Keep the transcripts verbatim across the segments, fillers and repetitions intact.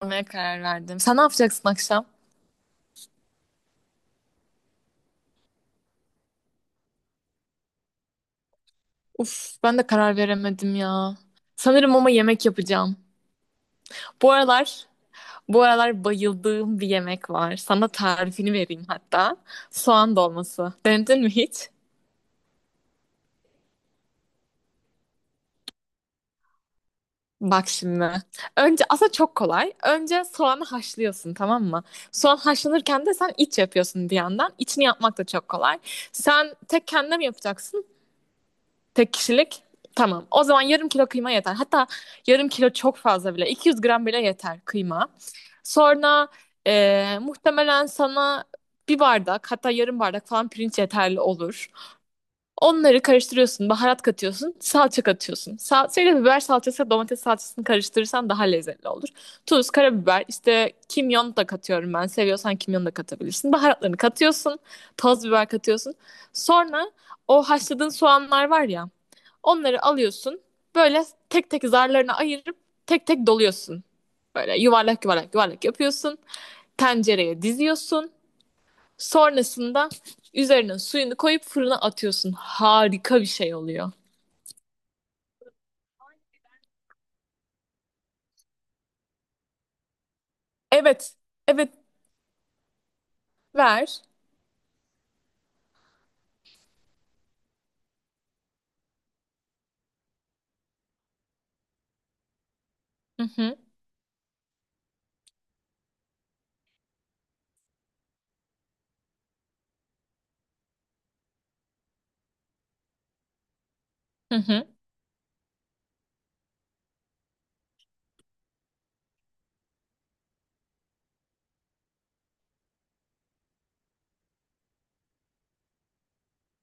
Almaya karar verdim. Sen ne yapacaksın akşam? Uf, ben de karar veremedim ya. Sanırım ama yemek yapacağım. Bu aralar, bu aralar bayıldığım bir yemek var. Sana tarifini vereyim hatta. Soğan dolması. Denedin mi hiç? Bak şimdi. Önce aslında çok kolay. Önce soğanı haşlıyorsun, tamam mı? Soğan haşlanırken de sen iç yapıyorsun bir yandan. İçini yapmak da çok kolay. Sen tek kendine mi yapacaksın? Tek kişilik. Tamam. O zaman yarım kilo kıyma yeter. Hatta yarım kilo çok fazla bile. 200 gram bile yeter kıyma. Sonra e, muhtemelen sana bir bardak, hatta yarım bardak falan pirinç yeterli olur. Onları karıştırıyorsun, baharat katıyorsun, salça katıyorsun. Salçayla biber salçası, domates salçasını karıştırırsan daha lezzetli olur. Tuz, karabiber, işte kimyon da katıyorum ben. Seviyorsan kimyon da katabilirsin. Baharatlarını katıyorsun, toz biber katıyorsun. Sonra o haşladığın soğanlar var ya, onları alıyorsun. Böyle tek tek zarlarına ayırıp tek tek doluyorsun. Böyle yuvarlak yuvarlak yuvarlak yapıyorsun. Tencereye diziyorsun. Sonrasında üzerine suyunu koyup fırına atıyorsun. Harika bir şey oluyor. Evet. Evet. Ver. Hı hı. Hı hı.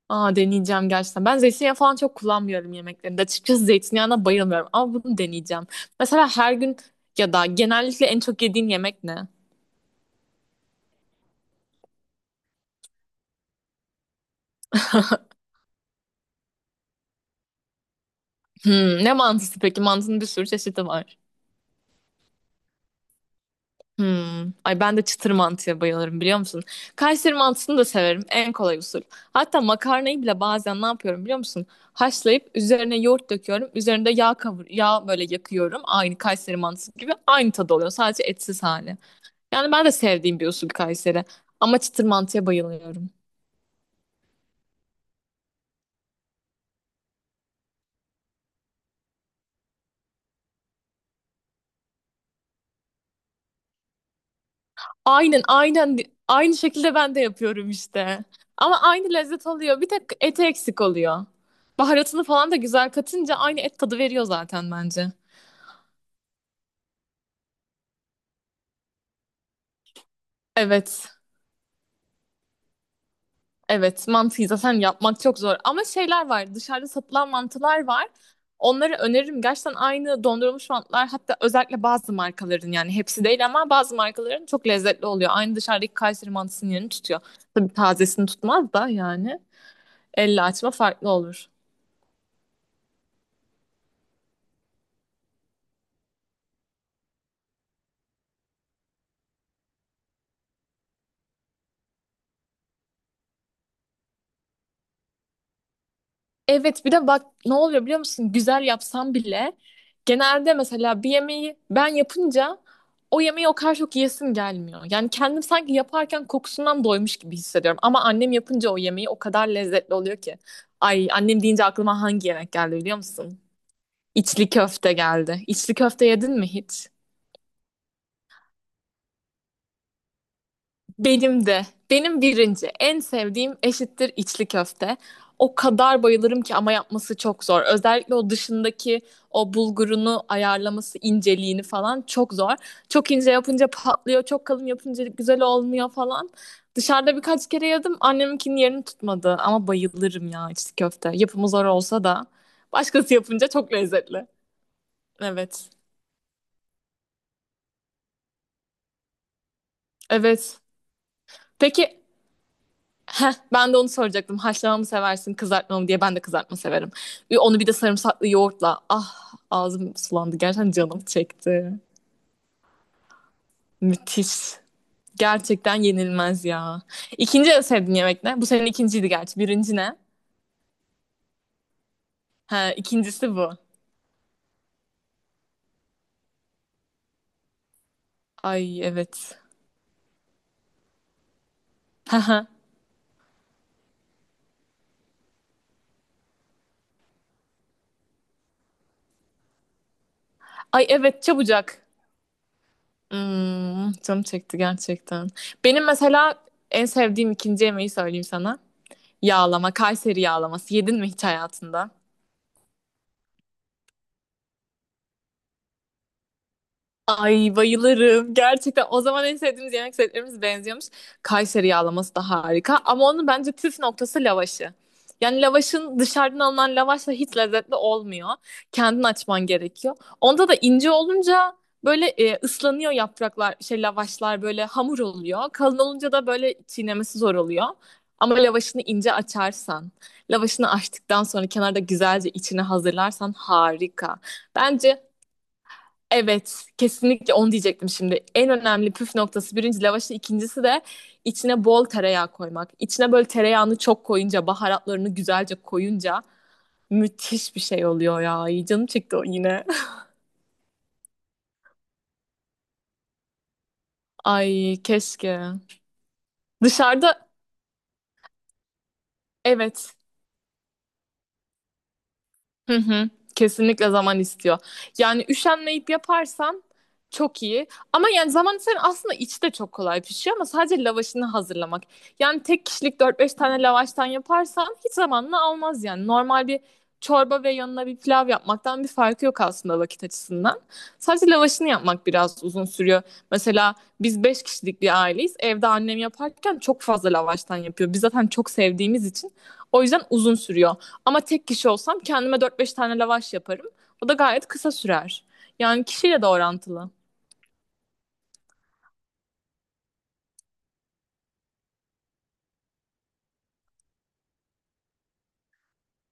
Aa, deneyeceğim gerçekten. Ben zeytinyağı falan çok kullanmıyorum yemeklerinde. Açıkçası zeytinyağına bayılmıyorum ama bunu deneyeceğim. Mesela her gün ya da genellikle en çok yediğin yemek ne? Hmm, ne mantısı peki? Mantının bir sürü çeşidi var. Hmm. Ay, ben de çıtır mantıya bayılırım, biliyor musun? Kayseri mantısını da severim. En kolay usul. Hatta makarnayı bile bazen ne yapıyorum biliyor musun? Haşlayıp üzerine yoğurt döküyorum. Üzerinde yağ kavur yağ böyle yakıyorum. Aynı Kayseri mantısı gibi aynı tadı oluyor. Sadece etsiz hali. Yani ben de sevdiğim bir usul Kayseri. Ama çıtır mantıya bayılıyorum. Aynen, aynen, aynı şekilde ben de yapıyorum işte. Ama aynı lezzet oluyor. Bir tek eti eksik oluyor. Baharatını falan da güzel katınca aynı et tadı veriyor zaten bence. Evet, evet. Mantıyı zaten yapmak çok zor. Ama şeyler var, dışarıda satılan mantılar var. Onları öneririm. Gerçekten aynı dondurulmuş mantılar, hatta özellikle bazı markaların, yani hepsi değil ama bazı markaların çok lezzetli oluyor. Aynı dışarıdaki Kayseri mantısının yerini tutuyor. Tabii tazesini tutmaz da yani. Elle açma farklı olur. Evet, bir de bak ne oluyor biliyor musun? Güzel yapsam bile genelde mesela bir yemeği ben yapınca o yemeği o kadar çok yiyesim gelmiyor. Yani kendim sanki yaparken kokusundan doymuş gibi hissediyorum. Ama annem yapınca o yemeği o kadar lezzetli oluyor ki. Ay, annem deyince aklıma hangi yemek geldi biliyor musun? İçli köfte geldi. İçli köfte yedin mi hiç? Benim de. Benim birinci. En sevdiğim eşittir içli köfte. O kadar bayılırım ki ama yapması çok zor. Özellikle o dışındaki o bulgurunu ayarlaması, inceliğini falan çok zor. Çok ince yapınca patlıyor, çok kalın yapınca güzel olmuyor falan. Dışarıda birkaç kere yedim. Anneminkinin yerini tutmadı ama bayılırım ya içli köfte. Yapımı zor olsa da başkası yapınca çok lezzetli. Evet. Evet. Peki, heh, ben de onu soracaktım. Haşlama mı seversin, kızartma mı diye. Ben de kızartma severim. Ve onu bir de sarımsaklı yoğurtla. Ah, ağzım sulandı. Gerçekten canım çekti. Müthiş. Gerçekten yenilmez ya. İkinci en sevdiğin yemek ne? Bu senin ikinciydi gerçi. Birinci ne? Ha, ikincisi bu. Ay evet. Ay evet, çabucak. Hmm, canım çekti gerçekten. Benim mesela en sevdiğim ikinci yemeği söyleyeyim sana. Yağlama, Kayseri yağlaması. Yedin mi hiç hayatında? Ay bayılırım. Gerçekten o zaman en sevdiğimiz yemek setlerimiz benziyormuş. Kayseri yağlaması da harika. Ama onun bence püf noktası lavaşı. Yani lavaşın dışarıdan alınan lavaşla hiç lezzetli olmuyor. Kendin açman gerekiyor. Onda da ince olunca böyle e, ıslanıyor yapraklar, şey lavaşlar böyle hamur oluyor. Kalın olunca da böyle çiğnemesi zor oluyor. Ama lavaşını ince açarsan, lavaşını açtıktan sonra kenarda güzelce içine hazırlarsan harika. Bence evet, kesinlikle onu diyecektim şimdi. En önemli püf noktası birinci lavaşın, ikincisi de içine bol tereyağı koymak. İçine böyle tereyağını çok koyunca, baharatlarını güzelce koyunca müthiş bir şey oluyor ya. Ay, canım çekti o yine. Ay keşke. Dışarıda evet. Hı hı. Kesinlikle zaman istiyor. Yani üşenmeyip yaparsan çok iyi. Ama yani zaman senin aslında içi de çok kolay pişiyor ama sadece lavaşını hazırlamak. Yani tek kişilik dört beş tane lavaştan yaparsan hiç zamanını almaz yani. Normal bir çorba ve yanına bir pilav yapmaktan bir farkı yok aslında vakit açısından. Sadece lavaşını yapmak biraz uzun sürüyor. Mesela biz beş kişilik bir aileyiz. Evde annem yaparken çok fazla lavaştan yapıyor. Biz zaten çok sevdiğimiz için. O yüzden uzun sürüyor. Ama tek kişi olsam kendime dört beş tane lavaş yaparım. O da gayet kısa sürer. Yani kişiyle de orantılı.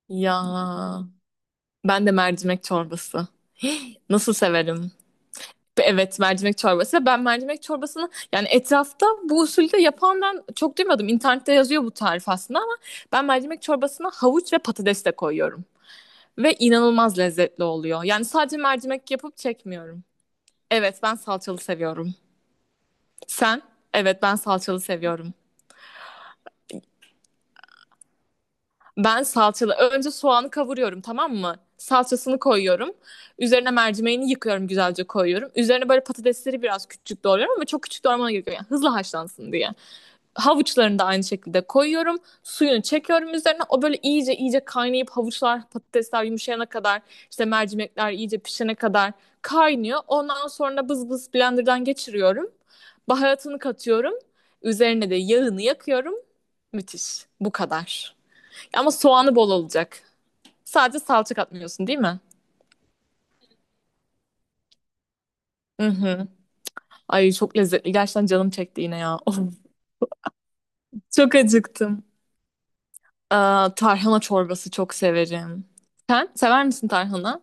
Ya ben de mercimek çorbası. Nasıl severim? Evet, mercimek çorbası. Ben mercimek çorbasını, yani etrafta bu usulde yapan ben çok duymadım. İnternette yazıyor bu tarif aslında ama ben mercimek çorbasına havuç ve patates de koyuyorum. Ve inanılmaz lezzetli oluyor. Yani sadece mercimek yapıp çekmiyorum. Evet, ben salçalı seviyorum. Sen? Evet, ben salçalı seviyorum. Ben salçalı. Önce soğanı kavuruyorum, tamam mı? Salçasını koyuyorum. Üzerine mercimeğini yıkıyorum, güzelce koyuyorum. Üzerine böyle patatesleri biraz küçük doğruyorum ama çok küçük doğramana gerek yok. Yani hızlı haşlansın diye. Havuçlarını da aynı şekilde koyuyorum. Suyunu çekiyorum üzerine. O böyle iyice iyice kaynayıp havuçlar, patatesler yumuşayana kadar, işte mercimekler iyice pişene kadar kaynıyor. Ondan sonra bız bız blenderdan geçiriyorum. Baharatını katıyorum. Üzerine de yağını yakıyorum. Müthiş. Bu kadar. Ama soğanı bol olacak. Sadece salça katmıyorsun değil mi? Hı hı. Ay çok lezzetli. Gerçekten canım çekti yine ya. Of, çok acıktım. Aa, tarhana çorbası çok severim. Sen sever misin tarhana?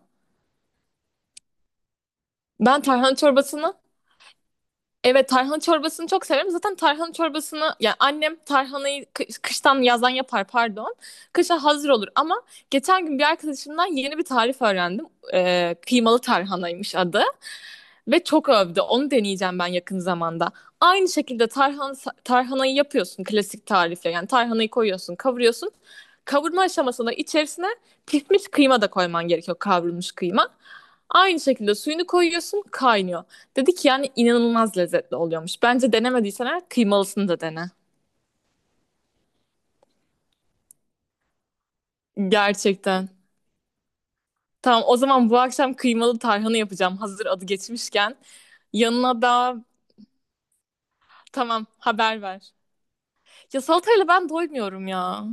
Ben tarhana çorbasını evet, tarhana çorbasını çok severim. Zaten tarhana çorbasını, yani annem tarhanayı kı- kıştan yazdan yapar, pardon. Kışa hazır olur ama geçen gün bir arkadaşımdan yeni bir tarif öğrendim. Ee, kıymalı tarhanaymış adı. Ve çok övdü. Onu deneyeceğim ben yakın zamanda. Aynı şekilde tarhan, tarhanayı yapıyorsun klasik tarifle. Yani tarhanayı koyuyorsun, kavuruyorsun. Kavurma aşamasında içerisine pişmiş kıyma da koyman gerekiyor. Kavrulmuş kıyma. Aynı şekilde suyunu koyuyorsun, kaynıyor. Dedi ki yani inanılmaz lezzetli oluyormuş. Bence denemediysen eğer kıymalısını da dene. Gerçekten. Tamam, o zaman bu akşam kıymalı tarhana yapacağım. Hazır adı geçmişken. Yanına da tamam, haber ver. Ya salatayla ben doymuyorum ya.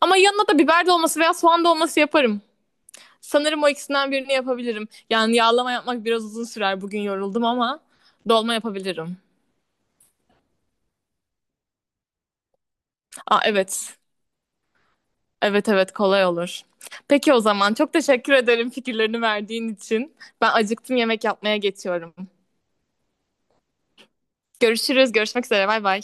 Ama yanına da biber dolması veya soğan dolması yaparım. Sanırım o ikisinden birini yapabilirim. Yani yağlama yapmak biraz uzun sürer. Bugün yoruldum ama dolma yapabilirim. Aa, evet. Evet, evet, kolay olur. Peki o zaman çok teşekkür ederim fikirlerini verdiğin için. Ben acıktım, yemek yapmaya geçiyorum. Görüşürüz. Görüşmek üzere. Bay bay.